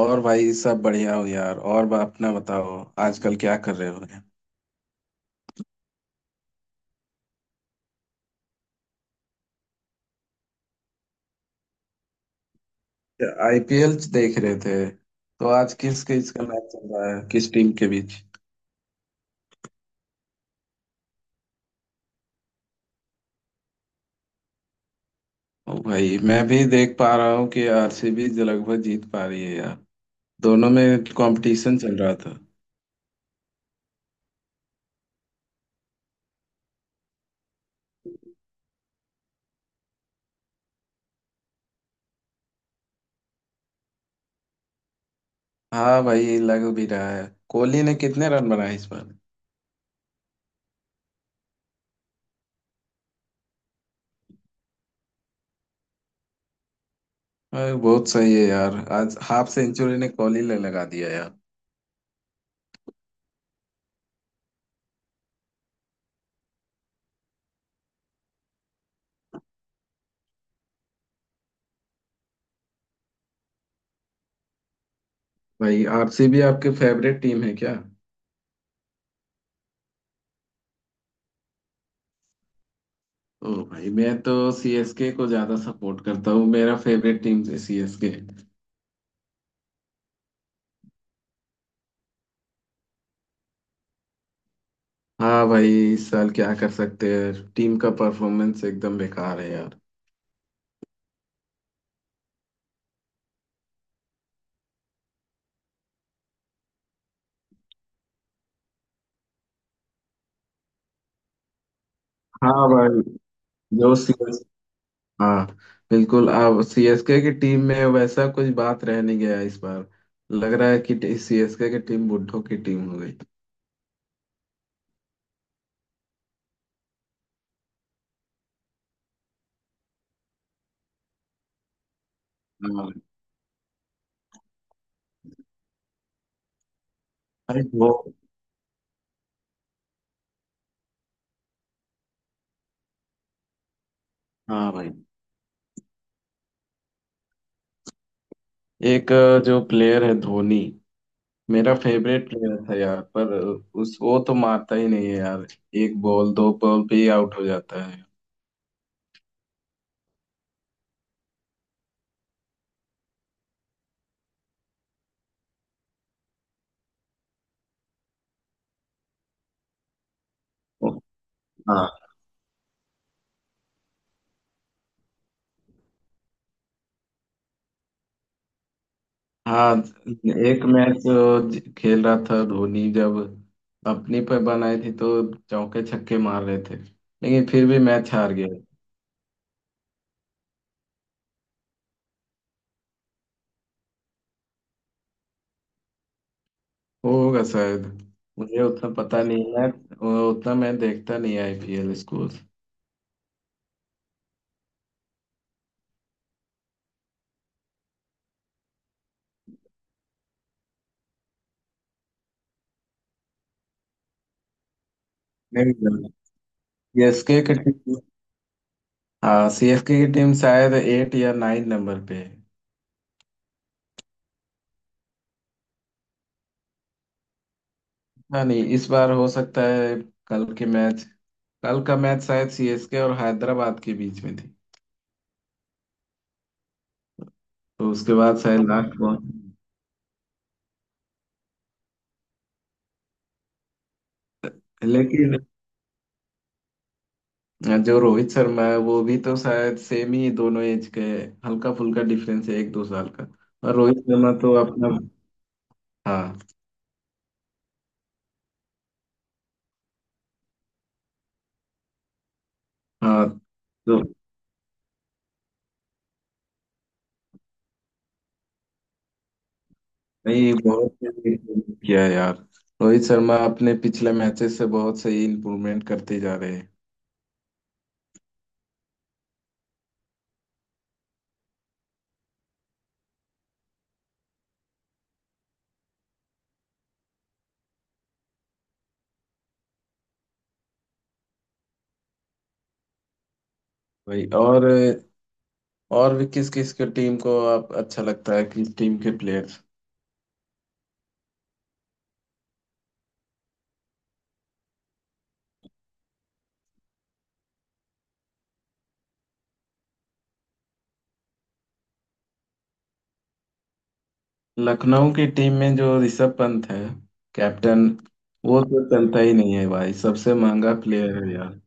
और भाई सब बढ़िया हो यार। और अपना बताओ। आजकल क्या कर रहे हो? आईपीएल देख रहे थे? तो आज किस किस का मैच चल रहा है, किस टीम के बीच? ओ भाई, मैं भी देख पा रहा हूँ कि आरसीबी लगभग जीत पा रही है यार। दोनों में कंपटीशन चल रहा था। हाँ भाई, लग भी रहा है। कोहली ने कितने रन बनाए इस बार? अरे, बहुत सही है यार, आज हाफ सेंचुरी ने कोहली ने लगा दिया यार। भाई, आरसीबी आपके फेवरेट टीम है क्या? ओ भाई, मैं तो सीएसके को ज्यादा सपोर्ट करता हूँ, मेरा फेवरेट टीम है सीएसके। हाँ भाई, इस साल क्या कर सकते हैं, टीम का परफॉर्मेंस एकदम बेकार है यार। हाँ भाई। जो सीएस हाँ, बिल्कुल अब सीएसके की टीम में वैसा कुछ बात रह नहीं गया इस बार। लग रहा है कि सीएसके की टीम बुड्ढों की टीम हो गई। हाँ भाई। वो। हाँ भाई। एक जो प्लेयर है, धोनी, मेरा फेवरेट प्लेयर था यार, पर उस वो तो मारता ही नहीं है यार। एक बॉल दो बॉल पे ही आउट हो जाता है। ओ, हाँ। हाँ, एक मैच खेल रहा था धोनी, जब अपनी पे बनाई थी, तो चौके छक्के मार रहे थे, लेकिन फिर भी मैच हार गए। वो होगा शायद। मुझे उतना पता नहीं है, मैं उतना मैं देखता नहीं आईपीएल स्कोर। नहीं। सीएसके की टीम। हाँ, सीएसके की टीम शायद 8 या 9 नंबर पे है। ना नहीं, इस बार हो सकता है। कल के मैच। कल का मैच शायद सीएसके और हैदराबाद के बीच में थी। तो उसके बाद शायद लास्ट पहुंच। लेकिन जो रोहित शर्मा है, वो भी तो शायद सेम ही, दोनों एज के हैं। हल्का फुल्का डिफरेंस है एक दो साल का। और रोहित शर्मा तो अपना। हाँ। हाँ। तो। नहीं, बहुत improve किया है यार। रोहित शर्मा अपने पिछले मैचेस से बहुत सही इम्प्रूवमेंट करते जा रहे हैं। भाई, और भी किस किस के टीम को आप अच्छा लगता है, किस टीम के प्लेयर्स? लखनऊ की टीम में जो ऋषभ पंत है, कैप्टन, वो तो चलता ही नहीं है भाई, सबसे महंगा प्लेयर है यार।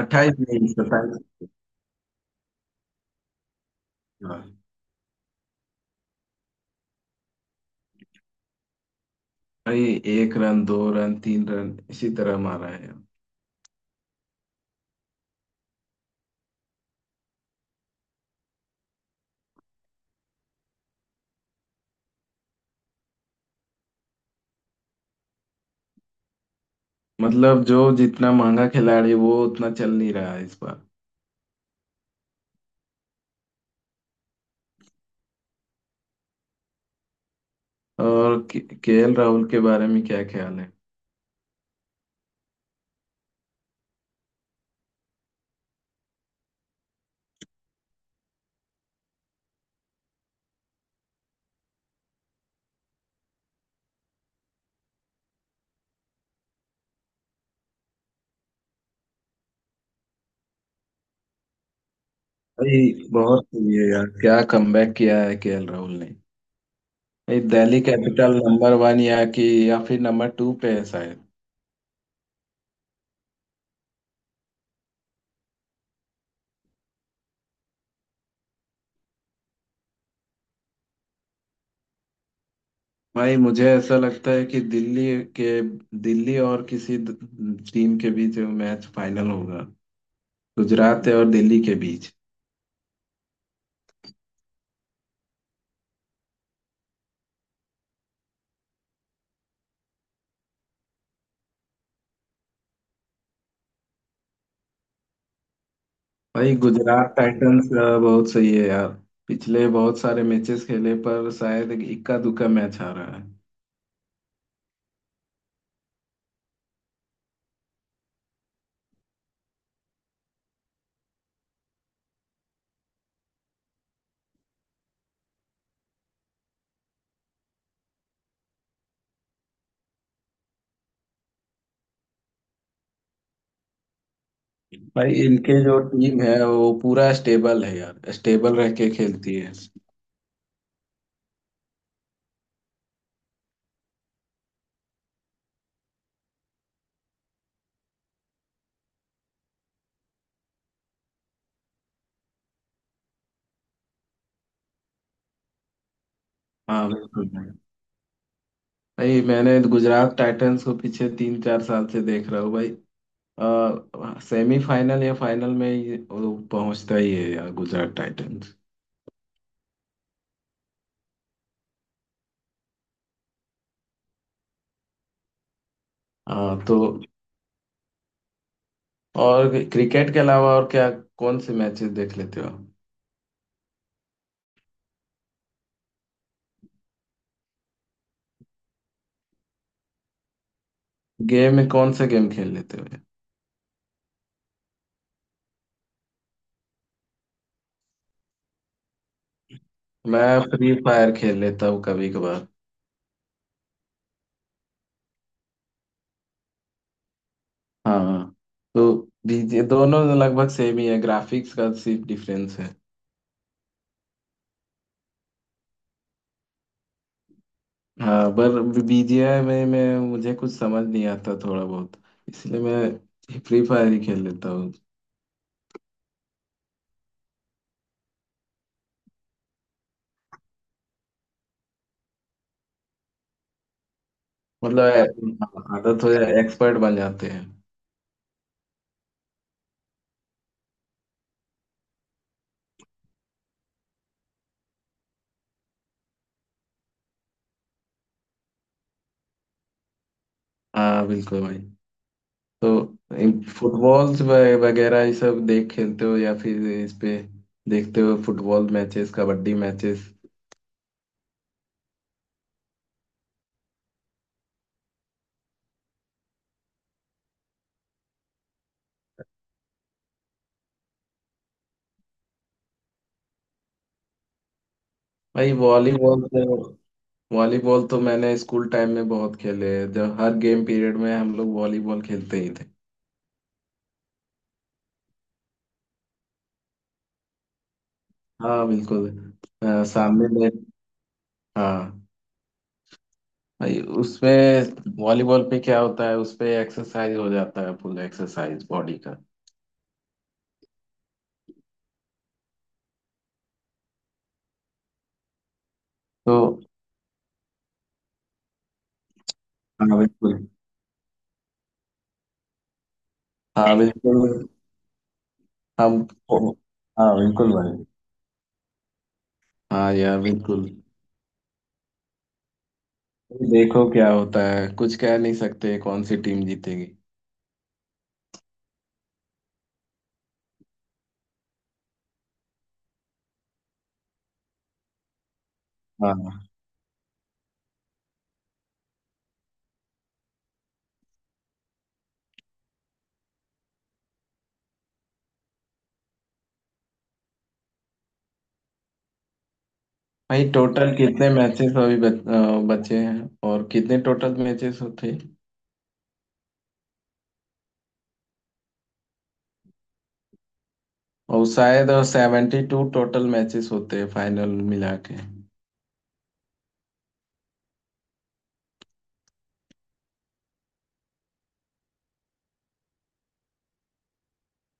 28 नहीं, 27। भाई, 1 रन 2 रन 3 रन इसी तरह मारा है। मतलब जो जितना महंगा खिलाड़ी वो उतना चल नहीं रहा है इस बार। और केएल राहुल के बारे में क्या ख्याल है? भाई, बहुत सही है यार, क्या कमबैक किया है केएल राहुल ने। भाई, दिल्ली कैपिटल नंबर 1, या कि या फिर नंबर 2 पे है शायद। भाई, मुझे ऐसा लगता है कि दिल्ली के, दिल्ली और किसी टीम के बीच मैच फाइनल होगा। गुजरात है और दिल्ली के बीच। भाई, गुजरात टाइटंस बहुत सही है यार, पिछले बहुत सारे मैचेस खेले पर शायद इक्का दुक्का मैच हारा रहा है। भाई, इनके जो टीम है वो पूरा स्टेबल है यार, स्टेबल रह के खेलती है। हाँ बिल्कुल भाई। मैंने गुजरात टाइटंस को पीछे 3 4 साल से देख रहा हूँ भाई। सेमीफाइनल या फाइनल में ये वो पहुंचता ही है यार गुजरात टाइटंस। तो और क्रिकेट के अलावा और क्या, कौन से मैचेस देख लेते हो? गेम में कौन से गेम खेल लेते हो? मैं फ्री फायर खेल लेता हूँ कभी कभार। हाँ, हाँ। तो दोनों लगभग सेम ही है, ग्राफिक्स का सिर्फ डिफरेंस है। हाँ पर बीजीआई में मैं, मुझे कुछ समझ नहीं आता थोड़ा बहुत, इसलिए मैं फ्री फायर ही खेल लेता हूँ। मतलब आदत हो जाए एक्सपर्ट बन जाते हैं। हाँ बिल्कुल भाई। तो फुटबॉल वगैरह ये सब देख खेलते हो या फिर इस पे देखते हो, फुटबॉल मैचेस, कबड्डी मैचेस? भाई, वॉलीबॉल तो, वॉलीबॉल तो मैंने स्कूल टाइम में बहुत खेले हैं, जब हर गेम पीरियड में हम लोग वॉलीबॉल खेलते ही थे। हाँ बिल्कुल। सामने में। हाँ भाई, उसपे, वॉलीबॉल पे क्या होता है, उसपे एक्सरसाइज हो जाता है, फुल एक्सरसाइज बॉडी का। तो हाँ बिल्कुल। हाँ बिल्कुल। हम। हाँ बिल्कुल भाई। हाँ यार, बिल्कुल। देखो क्या होता है, कुछ कह नहीं सकते कौन सी टीम जीतेगी। हाँ भाई, टोटल कितने मैचेस अभी बचे हैं, और कितने टोटल मैचेस होते हैं? और शायद 72 टोटल मैचेस होते हैं फाइनल मिला के।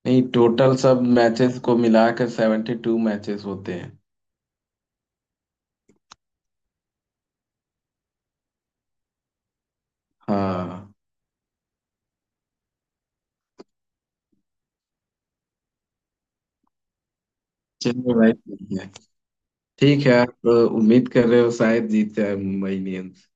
नहीं, टोटल सब मैचेस को मिलाकर 72 मैचेस होते हैं। हाँ, हाँ। चलिए भाई ठीक है। ठीक है, तो उम्मीद कर रहे हो शायद जीत जाए मुंबई इंडियंस।